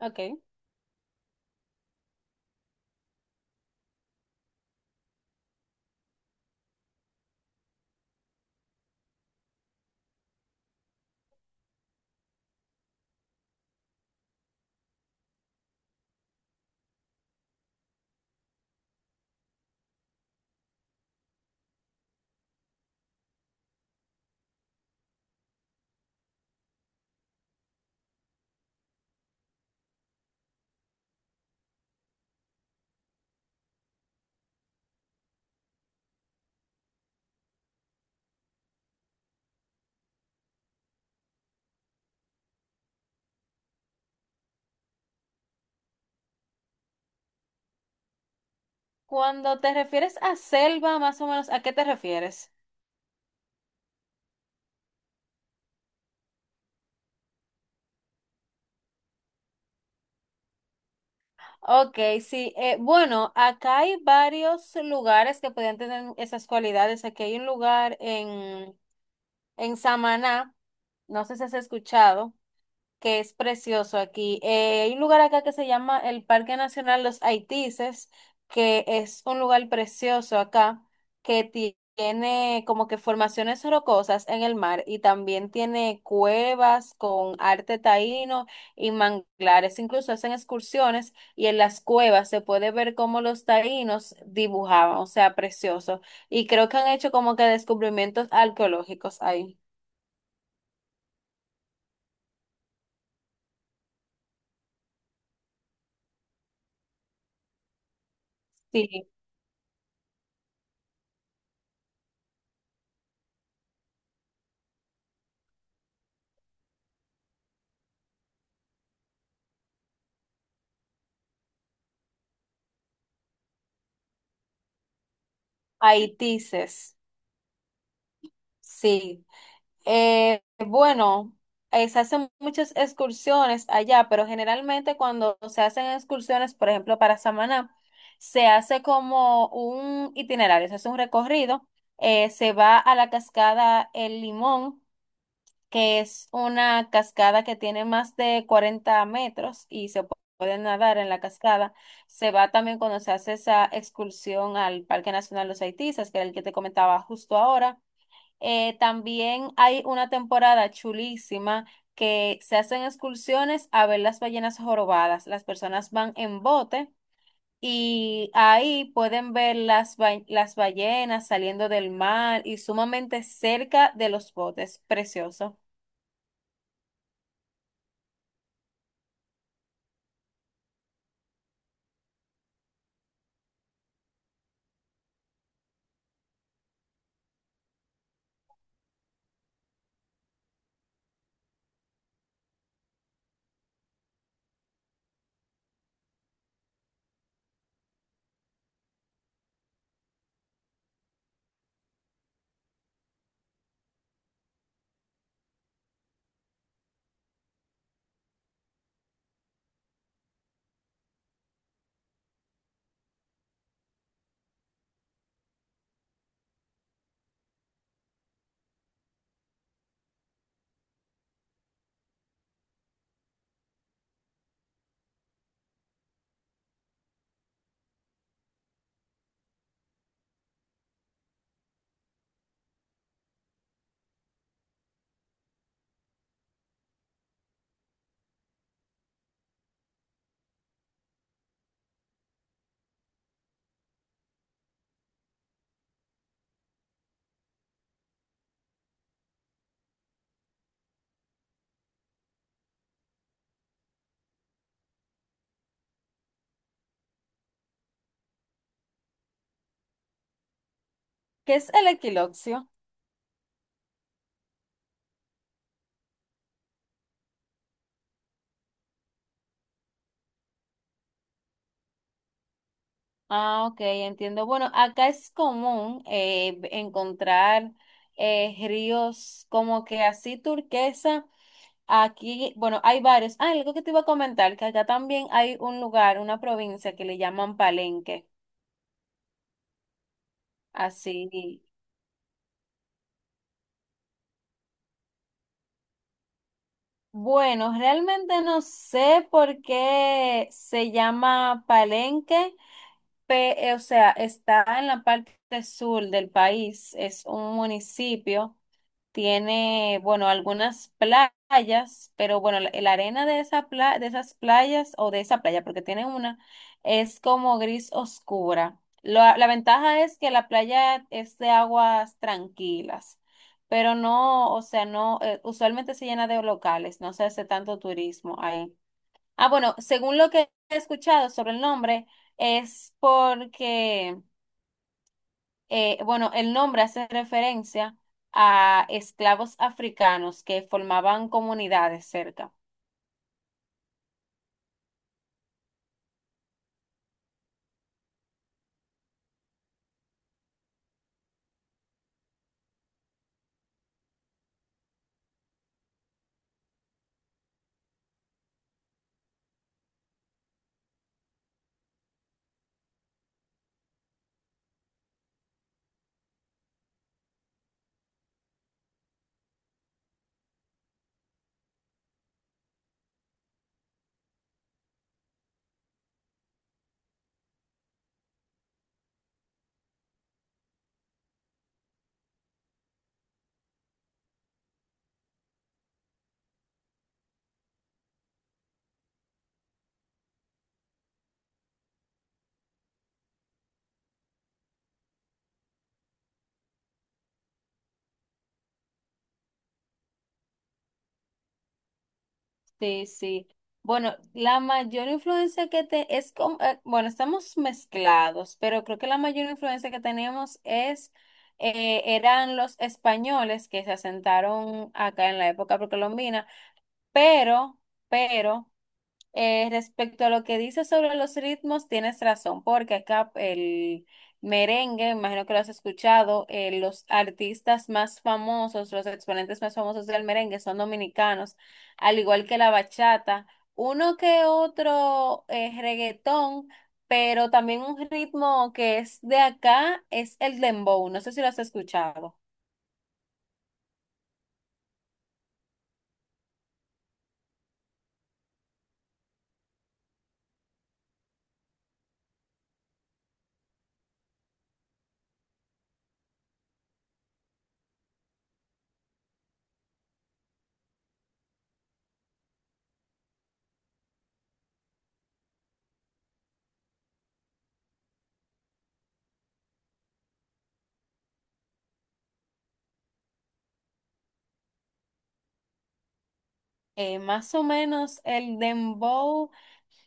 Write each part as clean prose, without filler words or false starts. Ok. Cuando te refieres a selva, más o menos, ¿a qué te refieres? Ok, sí. Bueno, Acá hay varios lugares que podrían tener esas cualidades. Aquí hay un lugar en Samaná, no sé si has escuchado, que es precioso aquí. Hay un lugar acá que se llama el Parque Nacional Los Haitises, que es un lugar precioso acá, que tiene como que formaciones rocosas en el mar y también tiene cuevas con arte taíno y manglares. Incluso hacen excursiones y en las cuevas se puede ver cómo los taínos dibujaban, o sea, precioso. Y creo que han hecho como que descubrimientos arqueológicos ahí. Sí, Haitises. Sí. Eh, bueno, Se hacen muchas excursiones allá, pero generalmente cuando se hacen excursiones, por ejemplo, para Samaná, se hace como un itinerario, se hace un recorrido, se va a la cascada El Limón, que es una cascada que tiene más de 40 metros y se puede nadar en la cascada. Se va también cuando se hace esa excursión al Parque Nacional Los Haitisas, que era el que te comentaba justo ahora. También hay una temporada chulísima que se hacen excursiones a ver las ballenas jorobadas. Las personas van en bote y ahí pueden ver las, las ballenas saliendo del mar y sumamente cerca de los botes. Precioso. ¿Qué es el equiloccio? Ah, ok, entiendo. Bueno, acá es común encontrar ríos como que así turquesa. Aquí, bueno, hay varios. Ah, algo que te iba a comentar, que acá también hay un lugar, una provincia que le llaman Palenque. Así. Bueno, realmente no sé por qué se llama Palenque, o sea, está en la parte sur del país, es un municipio. Tiene, bueno, algunas playas, pero bueno, la arena de esa de esas playas o de esa playa, porque tiene una, es como gris oscura. La ventaja es que la playa es de aguas tranquilas, pero no, o sea, no, usualmente se llena de locales, no se hace tanto turismo ahí. Ah, bueno, según lo que he escuchado sobre el nombre, es porque bueno, el nombre hace referencia a esclavos africanos que formaban comunidades cerca. Sí, sí. Bueno, la mayor influencia que te es como, bueno, estamos mezclados, pero creo que la mayor influencia que tenemos es eran los españoles que se asentaron acá en la época precolombina, pero, pero respecto a lo que dices sobre los ritmos, tienes razón, porque acá el merengue, imagino que lo has escuchado, los artistas más famosos, los exponentes más famosos del merengue son dominicanos, al igual que la bachata, uno que otro reggaetón, pero también un ritmo que es de acá es el dembow, no sé si lo has escuchado. Más o menos el dembow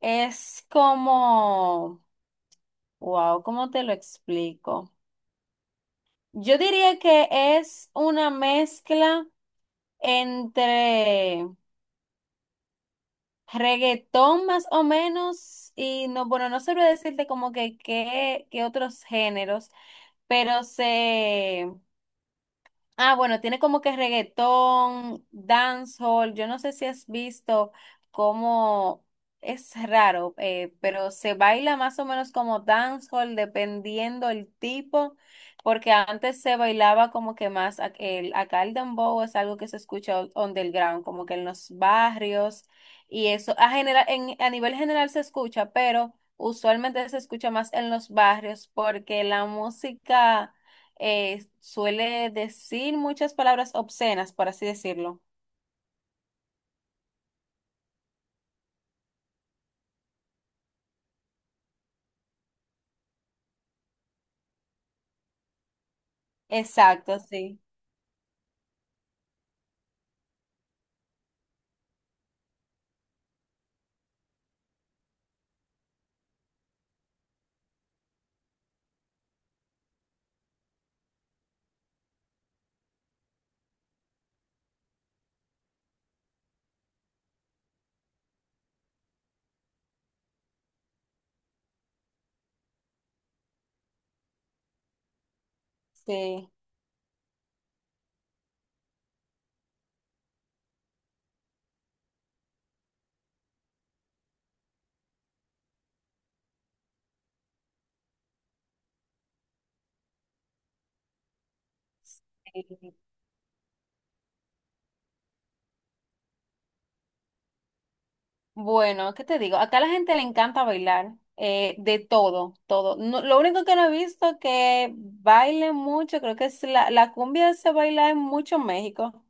es como... Wow, ¿cómo te lo explico? Yo diría que es una mezcla entre reggaetón más o menos y no, bueno, no sabría decirte como que qué, qué otros géneros, pero se... Ah, bueno, tiene como que reggaetón, dancehall. Yo no sé si has visto cómo es raro, pero se baila más o menos como dancehall dependiendo el tipo, porque antes se bailaba como que más el acá el dembow es algo que se escucha underground, como que en los barrios y eso a general en, a nivel general se escucha, pero usualmente se escucha más en los barrios porque la música suele decir muchas palabras obscenas, por así decirlo. Exacto, sí, sí. Sí. Bueno, ¿qué te digo? Acá a la gente le encanta bailar, de todo, todo. Lo único que no he visto que baile mucho, creo que es la, la cumbia se baila en mucho en México.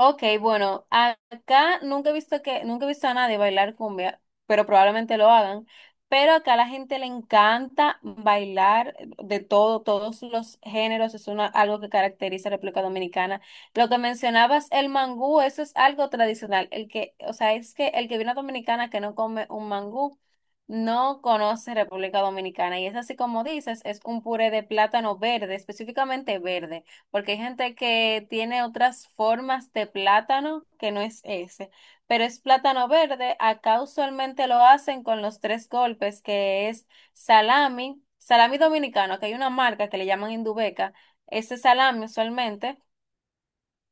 Ok, bueno, acá nunca he visto que, nunca he visto a nadie bailar cumbia, pero probablemente lo hagan. Pero acá a la gente le encanta bailar de todo, todos los géneros, es una, algo que caracteriza a República Dominicana. Lo que mencionabas, el mangú, eso es algo tradicional. El que, o sea, es que el que viene a Dominicana que no come un mangú, no conoce República Dominicana. Y es así como dices, es un puré de plátano verde, específicamente verde, porque hay gente que tiene otras formas de plátano que no es ese, pero es plátano verde. Acá usualmente lo hacen con los tres golpes, que es salami, salami dominicano, que hay una marca que le llaman Indubeca. Ese salami usualmente,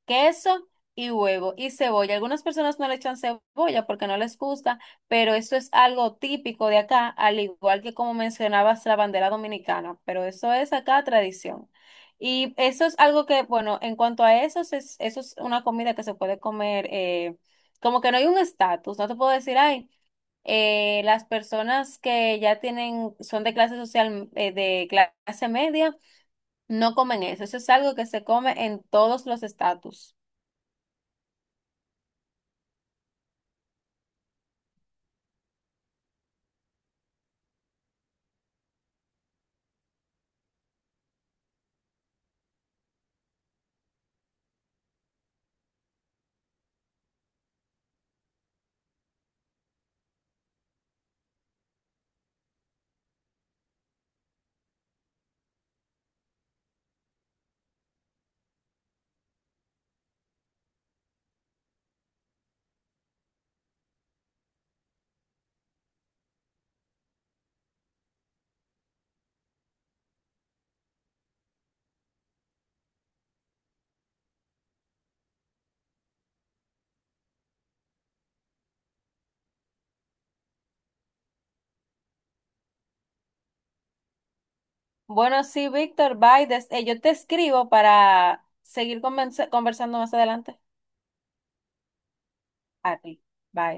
queso y huevo y cebolla. Algunas personas no le echan cebolla porque no les gusta, pero eso es algo típico de acá, al igual que como mencionabas la bandera dominicana, pero eso es acá tradición. Y eso es algo que, bueno, en cuanto a eso, es, eso es una comida que se puede comer, como que no hay un estatus, no te puedo decir, ay, las personas que ya tienen, son de clase social, de clase media, no comen eso, eso es algo que se come en todos los estatus. Bueno, sí, Víctor, bye. Yo te escribo para seguir conversando más adelante. A ti, bye.